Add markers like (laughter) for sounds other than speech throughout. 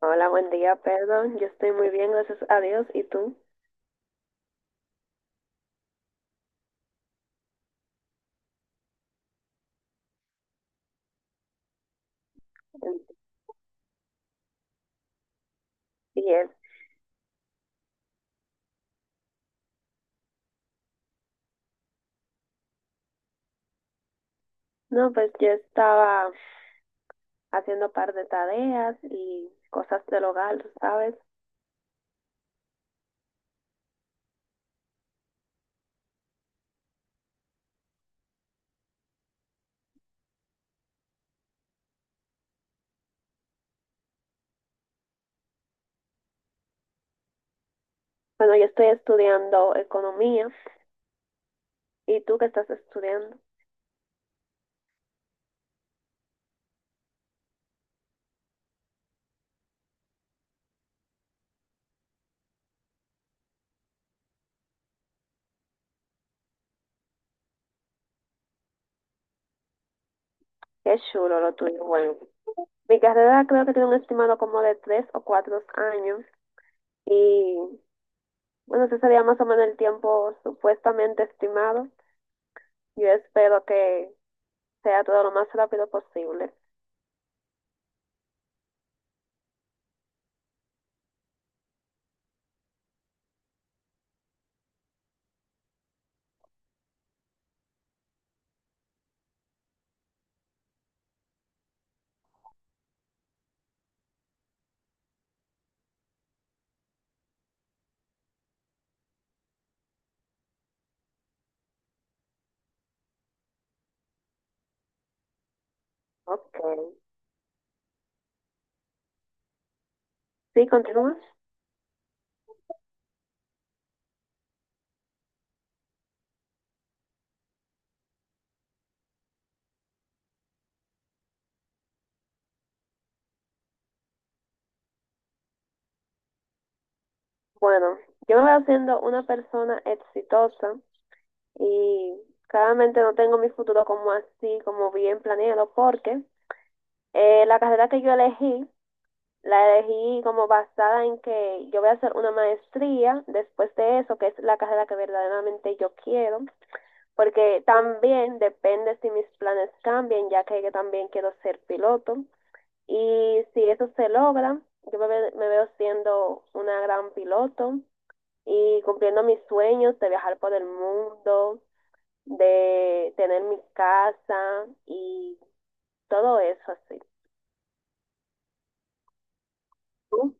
Hola, buen día, perdón. Yo estoy muy bien, gracias a Dios. ¿Y tú? Bien. No, pues yo estaba haciendo un par de tareas y cosas del hogar, tú ¿sabes? Bueno, yo estoy estudiando economía. ¿Y tú qué estás estudiando? Qué chulo lo tuyo. Bueno, mi carrera creo que tiene un estimado como de 3 o 4 años. Y bueno, ese sería más o menos el tiempo supuestamente estimado. Yo espero que sea todo lo más rápido posible. Ok. Sí, continúa. Bueno, yo me veo siendo una persona exitosa y claramente no tengo mi futuro como así, como bien planeado, porque la carrera que yo elegí, la elegí como basada en que yo voy a hacer una maestría después de eso, que es la carrera que verdaderamente yo quiero, porque también depende si mis planes cambian, ya que yo también quiero ser piloto. Y si eso se logra, yo me veo siendo una gran piloto y cumpliendo mis sueños de viajar por el mundo, de tener mi casa y todo eso así. ¿Tú?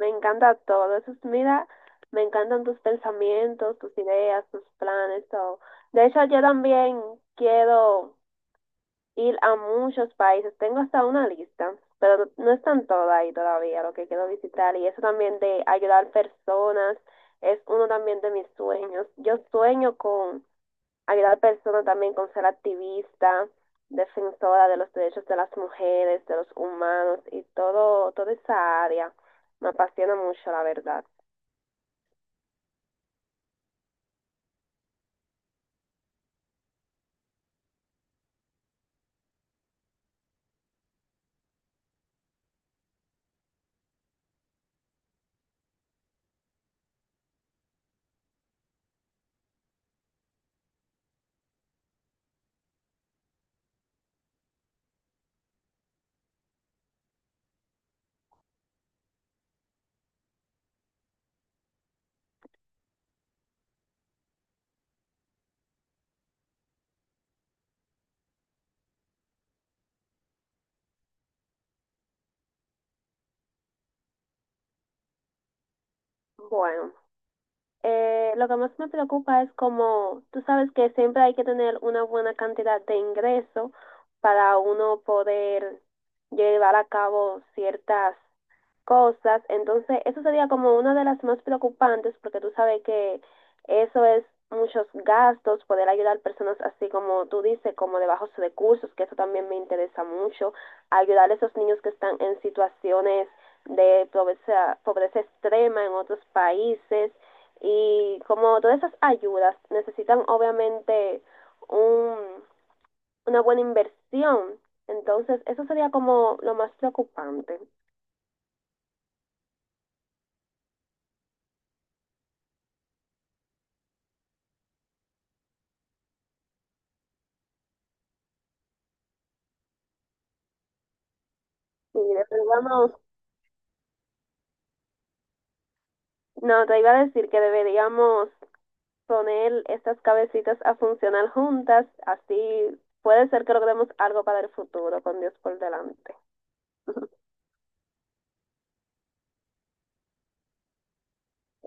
Me encanta todo eso. Mira, me encantan tus pensamientos, tus ideas, tus planes, todo. De hecho, yo también quiero ir a muchos países. Tengo hasta una lista, pero no están todas ahí todavía lo que quiero visitar. Y eso también de ayudar personas es uno también de mis sueños. Yo sueño con ayudar personas también con ser activista, defensora de los derechos de las mujeres, de los humanos y todo, toda esa área. Me apasiona mucho, la verdad. Bueno, lo que más me preocupa es como, tú sabes que siempre hay que tener una buena cantidad de ingreso para uno poder llevar a cabo ciertas cosas. Entonces, eso sería como una de las más preocupantes porque tú sabes que eso es muchos gastos, poder ayudar personas así como tú dices, como de bajos recursos, que eso también me interesa mucho, ayudar a esos niños que están en situaciones de pobreza, pobreza extrema en otros países y como todas esas ayudas necesitan obviamente un, una buena inversión. Entonces, eso sería como lo más preocupante. Y de verdad No, te iba a decir que deberíamos poner estas cabecitas a funcionar juntas, así puede ser que logremos algo para el futuro, con Dios por delante. (laughs)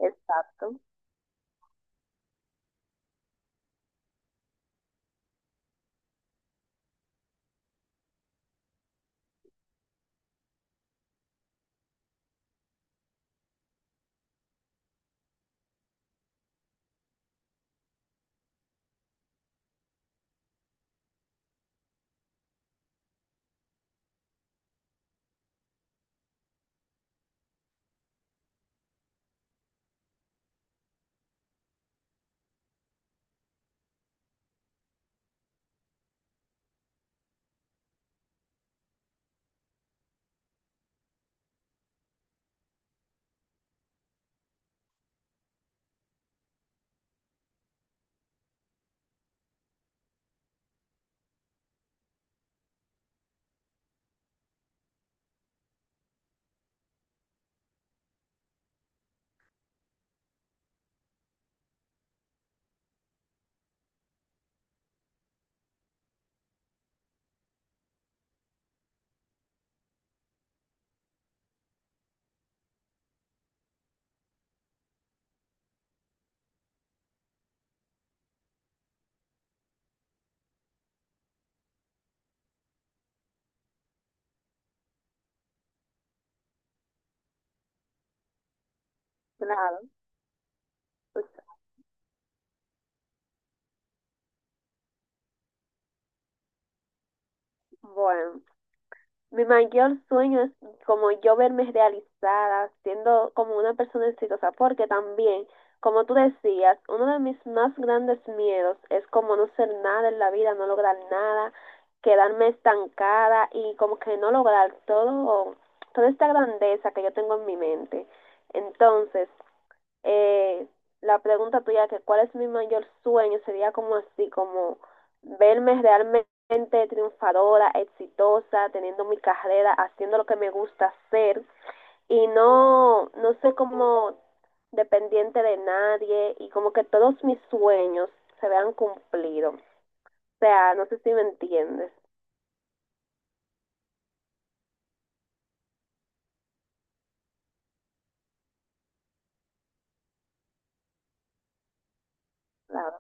Exacto, claro. Pues, bueno, mi mayor sueño es como yo verme realizada, siendo como una persona exitosa, porque también, como tú decías, uno de mis más grandes miedos es como no ser nada en la vida, no lograr nada, quedarme estancada y como que no lograr todo, toda esta grandeza que yo tengo en mi mente. Entonces, eh, la pregunta tuya, que cuál es mi mayor sueño, sería como así, como verme realmente triunfadora, exitosa, teniendo mi carrera, haciendo lo que me gusta hacer y no, no sé como dependiente de nadie y como que todos mis sueños se vean cumplidos. O sea, no sé si me entiendes. Claro.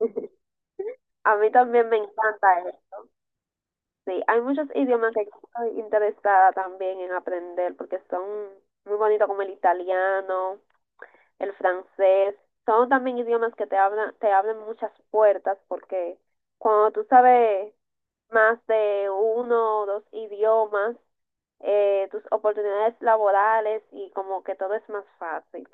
(laughs) A mí también me encanta esto. Sí, hay muchos idiomas que estoy interesada también en aprender porque son muy bonitos como el italiano, el francés. Son también idiomas que te hablan, te abren muchas puertas porque cuando tú sabes más de uno o dos idiomas, tus oportunidades laborales y como que todo es más fácil.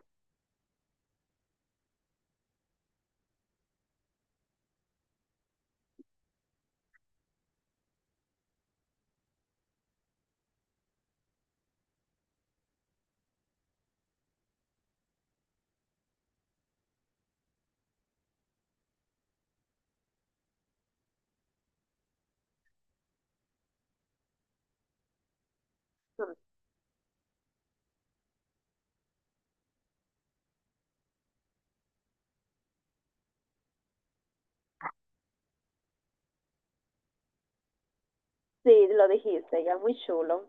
Sí, lo dijiste, ya muy chulo.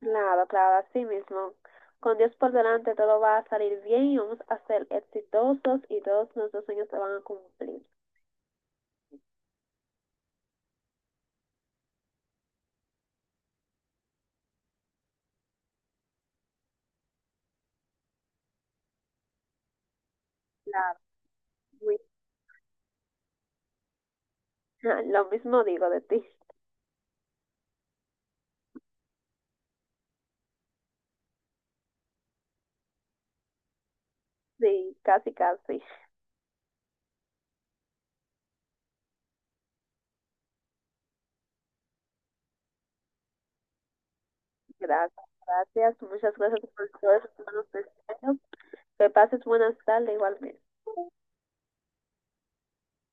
Claro, claro, así mismo. Con Dios por delante todo va a salir bien y vamos a ser exitosos y todos nuestros sueños se van a cumplir. Claro, muy- (laughs) Lo mismo digo de ti. (laughs) Sí, casi, casi. Gracias, gracias. Muchas gracias por todos esos buenos deseos. Que pases buenas tardes igualmente.